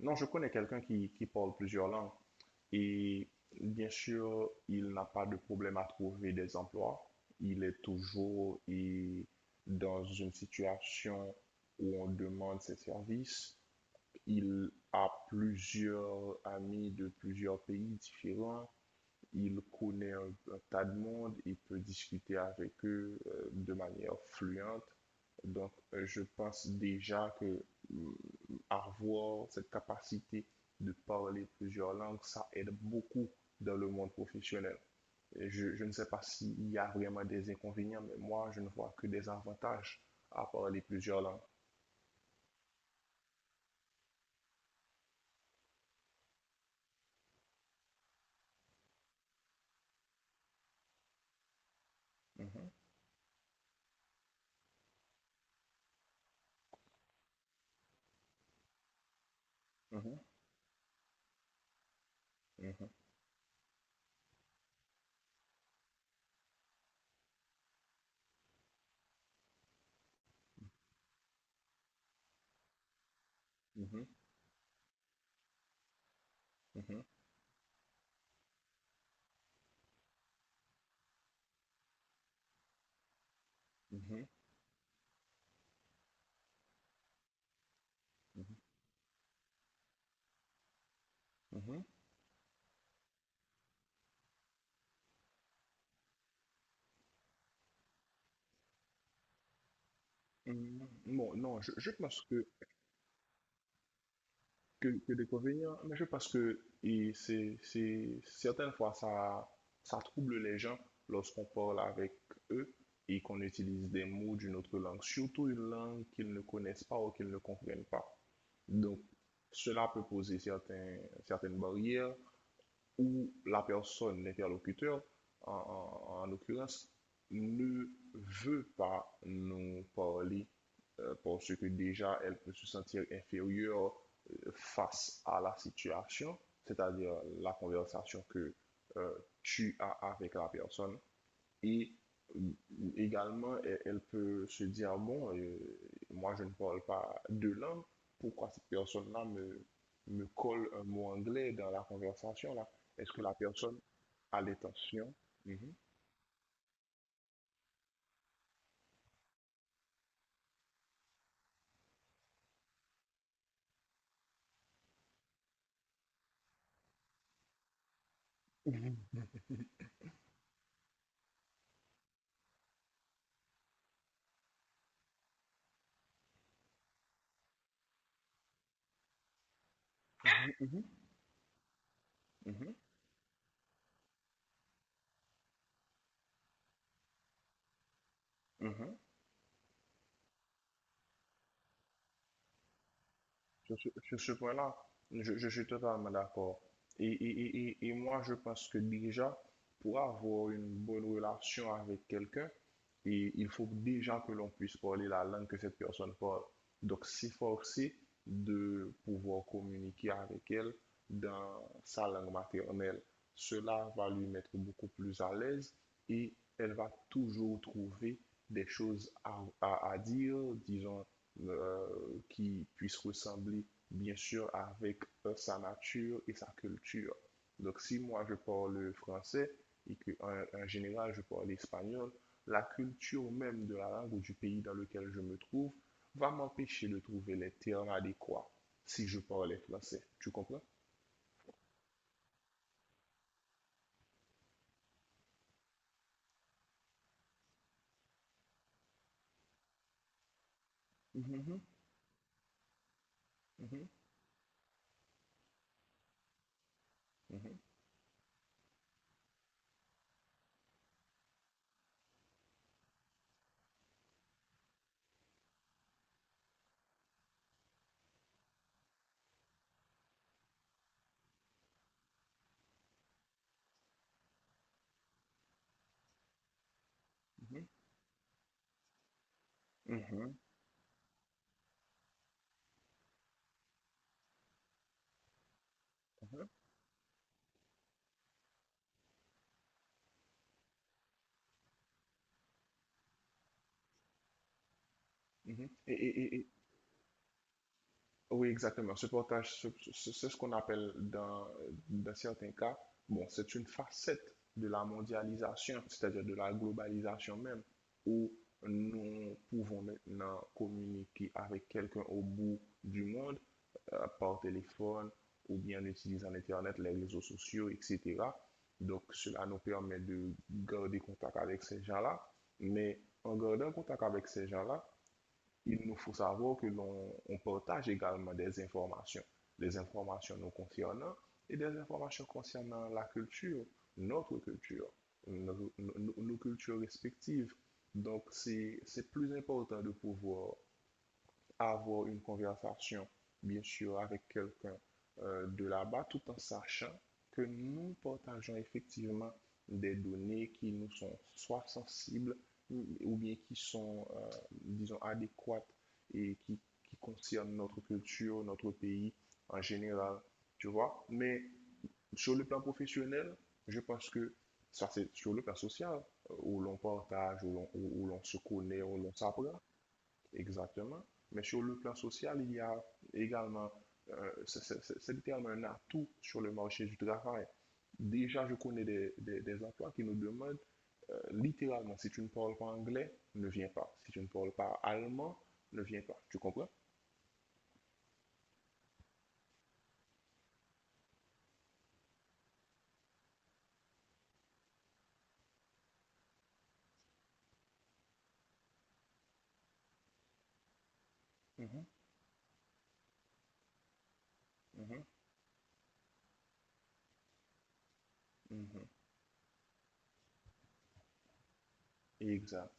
Non, je connais quelqu'un qui parle plusieurs langues et bien sûr, il n'a pas de problème à trouver des emplois. Il est toujours et, dans une situation où on demande ses services. Il a plusieurs amis de plusieurs pays différents. Il connaît un tas de monde, il peut discuter avec eux de manière fluente. Donc, je pense déjà que mm, avoir cette capacité de parler plusieurs langues, ça aide beaucoup dans le monde professionnel. Et je ne sais pas s'il y a vraiment des inconvénients, mais moi, je ne vois que des avantages à parler plusieurs langues. Mhm, mhm, mhm, mhm, mhm, mhm, mhm, mhm, mhm. Bon, non, je pense que d'inconvénients, mais je pense que et c'est certaines fois, ça trouble les gens lorsqu'on parle avec eux et qu'on utilise des mots d'une autre langue, surtout une langue qu'ils ne connaissent pas ou qu'ils ne comprennent pas. Donc, cela peut poser certains, certaines barrières où la personne, l'interlocuteur, en l'occurrence, ne veut pas nous parler parce que déjà elle peut se sentir inférieure face à la situation, c'est-à-dire la conversation que euh, tu as avec la personne et euh, également, elle peut se dire, ah bon, moi je ne parle pas deux langues, pourquoi cette personne-là me colle un mot anglais dans la conversation là? Est-ce que la personne a l'intention? Mhm, mhm, mhm, mhm, mhm, mhm. Sur ce point-là, je suis totalement d'accord. Et moi, je pense que déjà, pour avoir une bonne relation avec quelqu'un, et il faut déjà que l'on puisse parler la langue que cette personne parle. Donc, s'efforcer de pouvoir communiquer avec elle dans sa langue maternelle. Cela va lui mettre beaucoup plus à l'aise et elle va toujours trouver des choses à dire, disons, euh, qui puisse ressembler, bien sûr, avec sa nature et sa culture. Donc, si moi je parle français et que en, général je parle espagnol, la culture même de la langue ou du pays dans lequel je me trouve va m'empêcher de trouver les termes adéquats si je parle français. Tu comprends? Mhm, mhm, mhm, mhm, mhm, mhm, mhm. Et- oui, exactement. Ce portage, ce- ce- c'est ce qu'on appelle dans, dans certains cas, bon, c'est une facette de la mondialisation, c'est-à-dire de la globalisation même, où nous pouvons maintenant communiquer avec quelqu'un au bout du monde par téléphone ou bien en utilisant l'Internet, les réseaux sociaux, etc. Donc, cela nous permet de garder contact avec ces gens-là, mais en gardant contact avec ces gens-là, il nous faut savoir que l'on on partage également des informations nous concernant et des informations concernant la culture, notre culture, nos cultures respectives. Donc, c'est plus important de pouvoir avoir une conversation, bien sûr, avec quelqu'un de là-bas, tout en sachant que nous partageons effectivement des données qui nous sont soit sensibles ou bien qui sont, disons, adéquates et qui concernent notre culture, notre pays en général, tu vois. Mais sur le plan professionnel, je pense que ça, c'est sur le plan social, où l'on partage, où l'on se connaît, où l'on s'apprend. Exactement. Mais sur le plan social, il y a également, littéralement un atout sur le marché du travail. Déjà, je connais des emplois qui nous demandent littéralement, si tu ne parles pas anglais, ne viens pas. Si tu ne parles pas allemand, ne viens pas. Tu comprends? Mhm, mhm, mhm. Exact.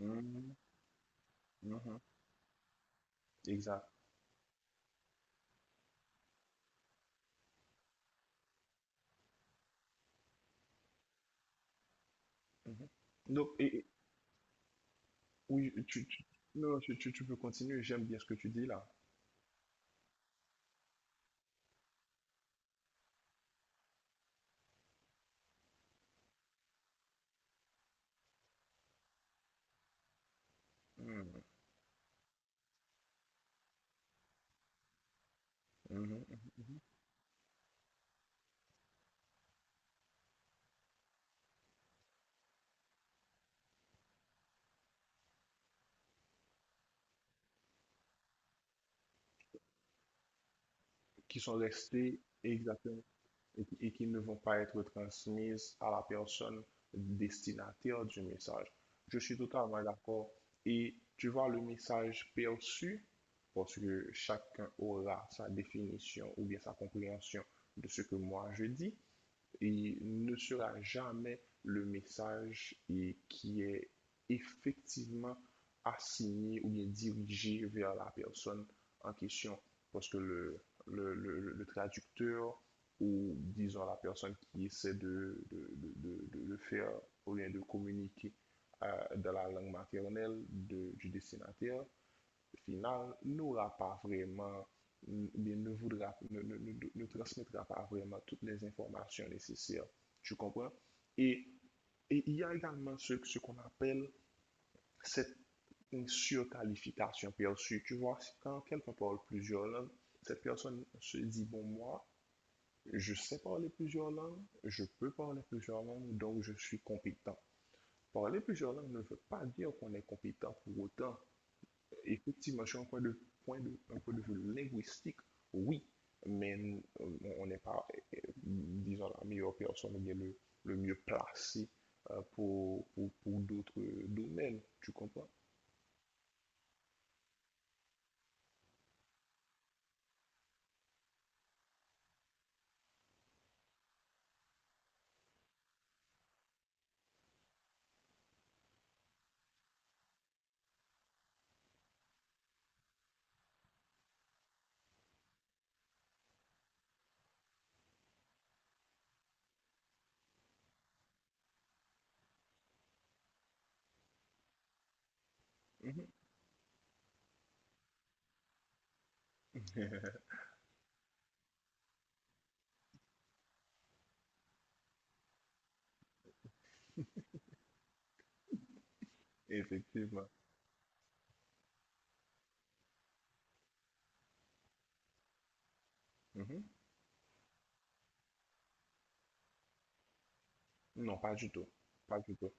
Mhm, mhm. Exact. Mhm. Donc, et- oui, non, tu peux continuer. J'aime bien ce que tu dis là. Mhm, mhm. Qui sont restés exactement. Et qui ne vont pas être transmises à la personne destinataire du message. Je suis totalement d'accord. Et tu vois, le message perçu, parce que chacun aura sa définition ou bien sa compréhension de ce que moi je dis, il ne sera jamais le message et qui est effectivement assigné ou bien dirigé vers la personne en question. Parce que le traducteur ou disons la personne qui essaie de faire ou bien de communiquer euh, dans la langue maternelle de- du destinataire final n'aura pas vraiment, bien, ne, voudra, ne transmettra pas vraiment toutes les informations nécessaires. Tu comprends? Et, et il y a également ce qu'on appelle cette surqualification perçue. Tu vois, si quand quelqu'un parle plusieurs langues, cette personne se dit, bon, moi, je sais parler plusieurs langues, je peux parler plusieurs langues, donc je suis compétent. Parler plusieurs langues ne veut pas dire qu'on est compétent pour autant. Effectivement, sur un point de vue linguistique, oui, mais on n'est pas, disons, la meilleure personne ou bien le mieux placé pour d'autres domaines, tu comprends? Mhm. Effectivement. Mhm. Non, pas du tout. Pas du tout.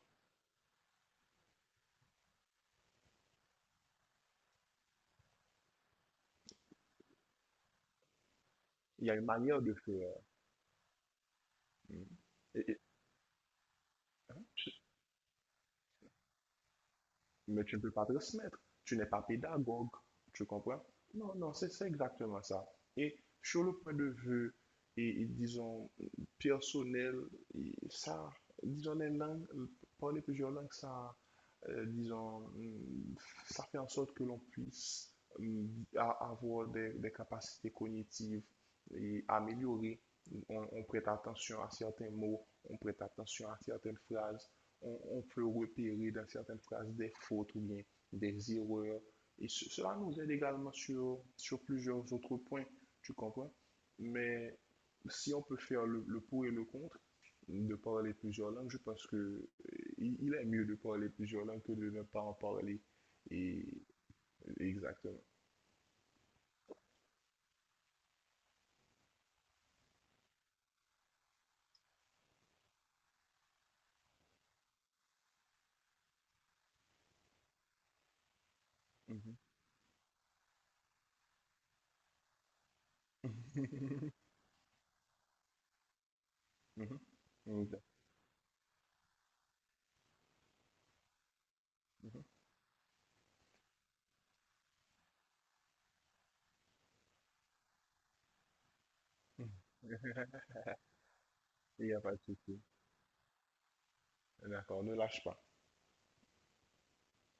Il y a une manière de faire. Mhm. Et- mais tu ne peux pas transmettre. Tu n'es pas pédagogue. Tu comprends? Non, non, c'est exactement ça. Et sur le point de vue, disons, personnel, et ça, disons, les langues, parler plusieurs langues, ça, disons, ça fait en sorte que l'on puisse hum, a- avoir des capacités cognitives et améliorées. On prête attention à certains mots, on prête attention à certaines phrases, on peut repérer dans certaines phrases des fautes ou bien des erreurs. Et ce- cela nous aide également sur, sur plusieurs autres points, tu comprends? Mais si on peut faire le pour et le contre de parler plusieurs langues, je pense que il est mieux de parler plusieurs langues que de ne pas en parler. Et exactement. Mhm. Mhm. Mhm. Mhm. Il n'y a pas de souci. D'accord, ne lâche pas.